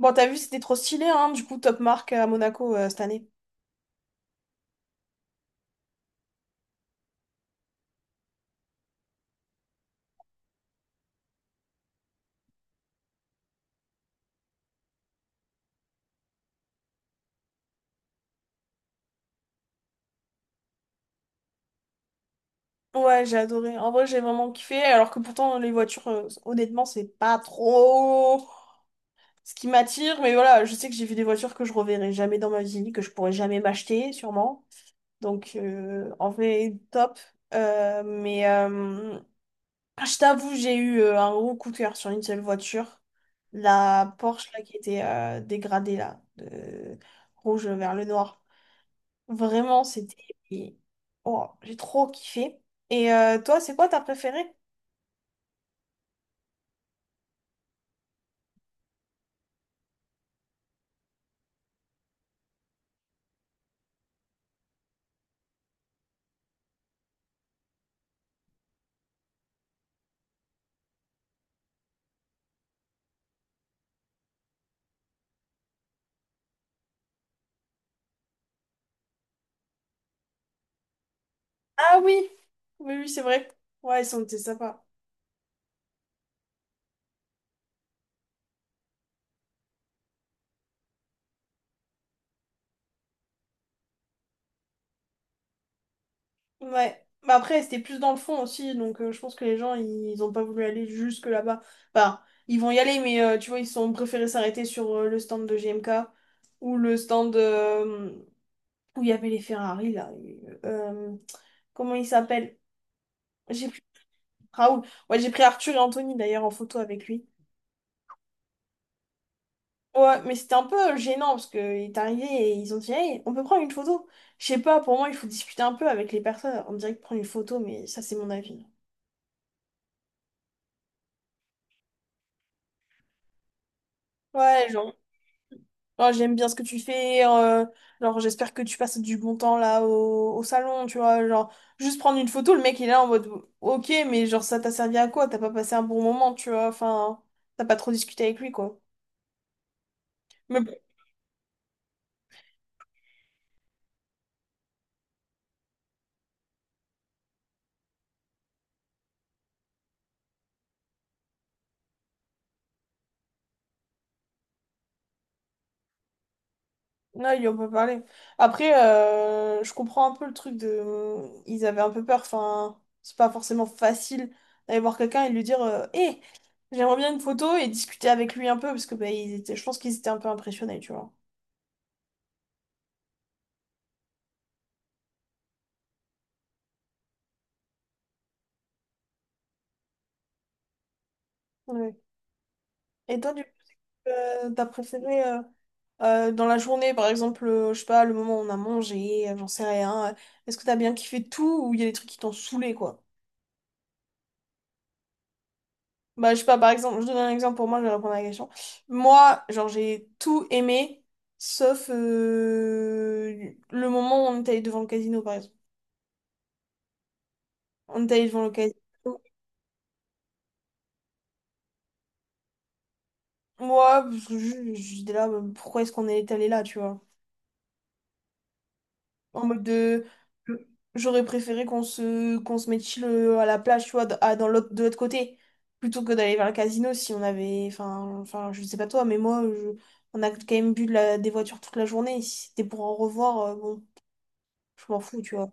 Bon, t'as vu, c'était trop stylé, hein, du coup, top marque à Monaco cette année. Ouais, j'ai adoré. En vrai, j'ai vraiment kiffé, alors que pourtant, les voitures, honnêtement, c'est pas trop ce qui m'attire, mais voilà, je sais que j'ai vu des voitures que je reverrai jamais dans ma vie, que je pourrais jamais m'acheter, sûrement. Donc, en vrai, top. Euh, mais euh, je t'avoue, j'ai eu un gros coup de cœur sur une seule voiture, la Porsche, là, qui était dégradée, là, de rouge vers le noir. Vraiment, et- Oh, j'ai trop kiffé. Et toi, c'est quoi ta préférée? Ah oui, oui, c'est vrai. Ouais, ils sont c'était sympa. Ouais. Bah après, c'était plus dans le fond aussi, donc je pense que les gens, ils ont pas voulu aller jusque là-bas. Enfin, ils vont y aller, mais tu vois, ils ont préféré s'arrêter sur le stand de GMK ou le stand, où il y avait les Ferrari, là. euh, Comment il s'appelle? J'ai pris Raoul. Ouais, j'ai pris Arthur et Anthony, d'ailleurs, en photo avec lui. Ouais, mais c'était un peu gênant, parce qu'il est arrivé et ils ont dit, «Hey, on peut prendre une photo.» Je sais pas, pour moi, il faut discuter un peu avec les personnes. On dirait que prendre une photo, mais ça, c'est mon avis. Ouais, genre, oh, j'aime bien ce que tu fais. Genre, j'espère que tu passes du bon temps, là, au salon, tu vois. Genre, juste prendre une photo, le mec, il est là en mode, ok, mais genre, ça t'a servi à quoi? T'as pas passé un bon moment, tu vois. Enfin, t'as pas trop discuté avec lui, quoi. Mais bon, là, il en peut parler. Après, je comprends un peu le truc de. Ils avaient un peu peur. Enfin, c'est pas forcément facile d'aller voir quelqu'un et de lui dire Hé, j'aimerais bien une photo et discuter avec lui un peu parce que bah, ils étaient... je pense qu'ils étaient un peu impressionnés, tu vois. Ouais. Et toi, du coup, t'as préféré dans la journée, par exemple, je sais pas, le moment où on a mangé, j'en sais rien. Est-ce que t'as bien kiffé tout ou il y a des trucs qui t'ont saoulé, quoi? Bah, je sais pas, par exemple, je donne un exemple pour moi, je vais répondre à la question. Moi, genre, j'ai tout aimé, sauf le moment où on est allé devant le casino, par exemple. On est allé devant le casino. Moi, parce que j'étais là, bah, pourquoi est-ce qu'on est allé là, tu vois? En mode de. J'aurais préféré qu'on se mette chill à la plage, tu vois, dans l'autre, de l'autre côté, plutôt que d'aller vers le casino si on avait. Enfin, je sais pas toi, mais moi, on a quand même bu de des voitures toute la journée. Si c'était pour en revoir, bon. Je m'en fous, tu vois.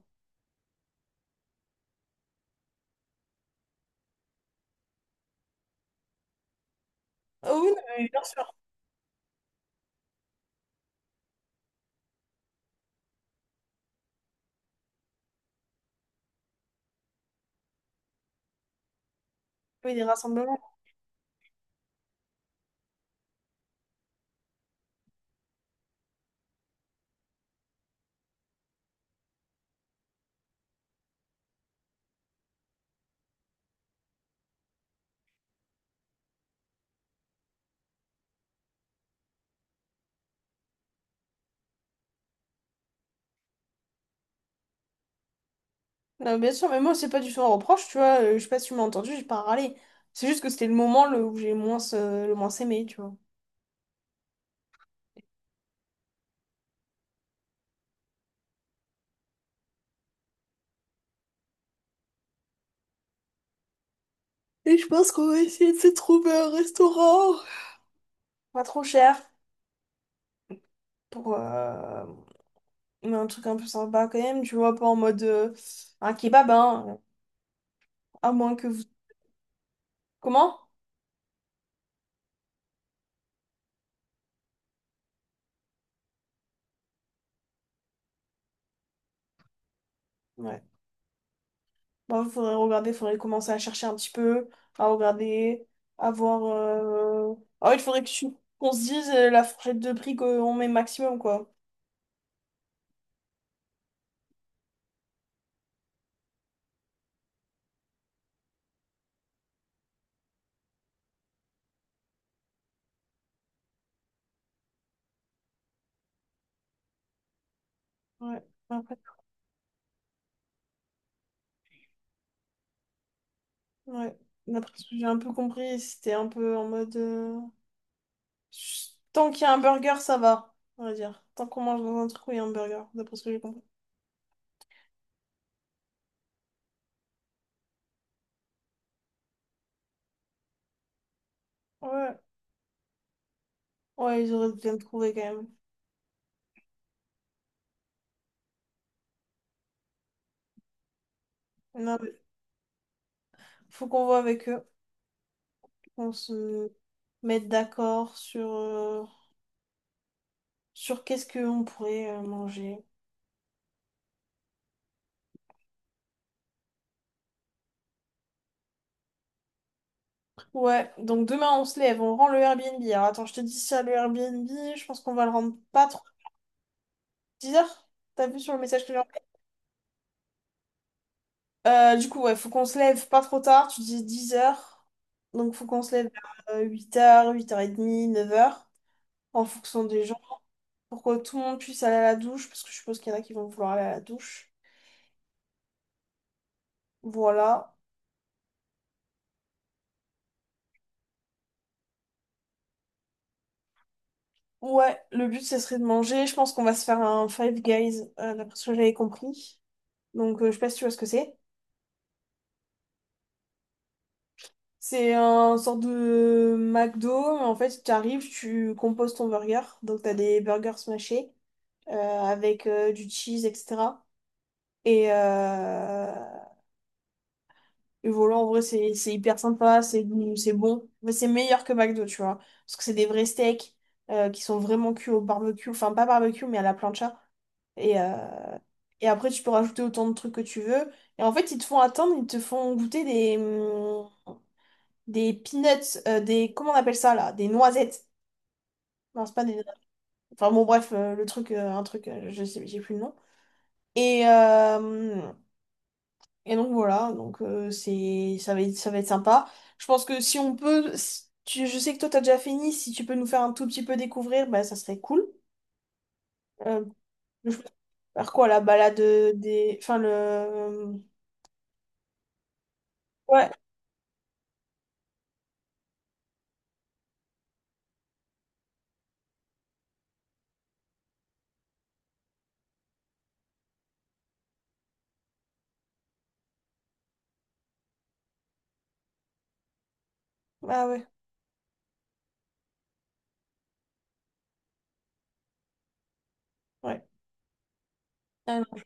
Oh oui, non, mais bien sûr. Oui, des rassemblements. Non, bien sûr, mais moi, c'est pas du tout un reproche, tu vois. Je sais pas si tu m'as entendu, j'ai pas râlé. C'est juste que c'était le moment le, où j'ai moins, le moins aimé, tu vois. Et je pense qu'on va essayer de se trouver un restaurant. Pas trop cher pour mais un truc un peu sympa quand même, tu vois, pas en mode un kebab, hein, à moins que vous... Comment? Ouais. Bon, il faudrait regarder, il faudrait commencer à chercher un petit peu, à regarder, à voir. Ah oui, il faudrait que qu'on se dise la fourchette de prix qu'on met maximum, quoi. Ouais, après, ouais. D'après ce que j'ai un peu compris, c'était un peu en mode. Tant qu'il y a un burger, ça va, on va dire. Tant qu'on mange dans un truc où il y a un burger, d'après ce que j'ai compris. Ouais, ouais, ils auraient bien trouvé quand même. Non, mais faut qu'on voit avec eux, qu'on se mette d'accord sur, sur qu'est-ce qu'on pourrait manger. Ouais, donc demain on se lève, on rend le Airbnb. Alors attends, je te dis ça, le Airbnb, je pense qu'on va le rendre pas trop 10 heures. T'as vu sur le message que j'ai envoyé. Du coup, ouais, faut qu'on se lève pas trop tard, tu dis 10 heures. Donc faut qu'on se lève vers 8h, 8h30, neuf heures, en fonction des gens, pour que tout le monde puisse aller à la douche, parce que je suppose qu'il y en a qui vont vouloir aller à la douche. Voilà. Ouais, le but, ce serait de manger. Je pense qu'on va se faire un Five Guys, d'après ce que j'avais compris. Donc, je sais pas si tu vois ce que c'est. C'est un sorte de McDo. En fait, tu arrives, tu composes ton burger. Donc, tu as des burgers smashés euh, avec du cheese, etc. Et, euh, et voilà, en vrai, c'est hyper sympa, c'est bon. Mais c'est meilleur que McDo, tu vois. Parce que c'est des vrais steaks qui sont vraiment cuits au barbecue. Enfin, pas barbecue, mais à la plancha. Et, euh, et après, tu peux rajouter autant de trucs que tu veux. Et en fait, ils te font attendre, ils te font goûter des des peanuts, des, comment on appelle ça là? Des noisettes. Non, c'est pas des... Enfin bon, bref, un truc, je sais, j'ai plus le nom. Et, euh, et donc voilà, donc ça va être sympa. Je pense que si on peut, si je sais que toi t'as déjà fini, si tu peux nous faire un tout petit peu découvrir, bah ça serait cool. Euh, je faire quoi, la balade des... Ouais, ah ouais, ouais. Ah non,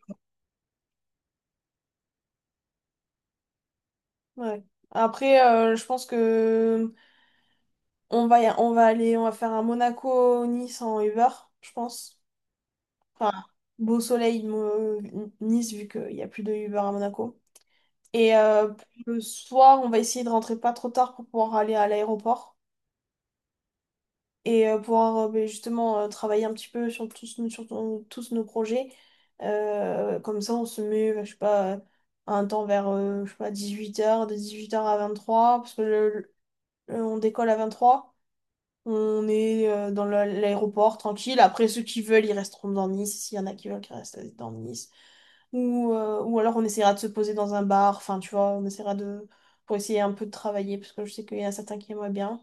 ouais. Après, je pense que on va aller, on va faire un Monaco-Nice en Uber, je pense. Enfin, beau soleil, Nice, vu qu'il n'y a plus de Uber à Monaco. Et le soir, on va essayer de rentrer pas trop tard pour pouvoir aller à l'aéroport et pouvoir ben, justement travailler un petit peu sur tous nos projets. Comme ça, on se met, ben, je sais pas, à un temps vers je sais pas, 18h, de 18h à 23h, parce que on décolle à 23h. On est dans l'aéroport tranquille. Après, ceux qui veulent, ils resteront dans Nice. S'il y en a qui veulent, qui restent dans Nice. Ou ou alors on essaiera de se poser dans un bar, enfin tu vois, on essaiera de... pour essayer un peu de travailler, parce que je sais qu'il y en a certains qui aimeraient bien.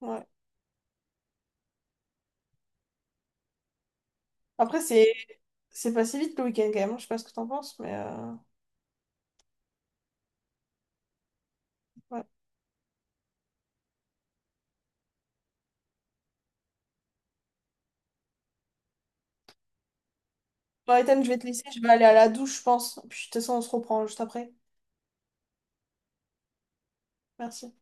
Ouais. Après, c'est passé vite le week-end quand même, hein, je sais pas ce que t'en penses, mais... ouais. Bon, Ethan, je vais te laisser, je vais aller à la douche, je pense. Puis de toute façon, on se reprend juste après. Merci.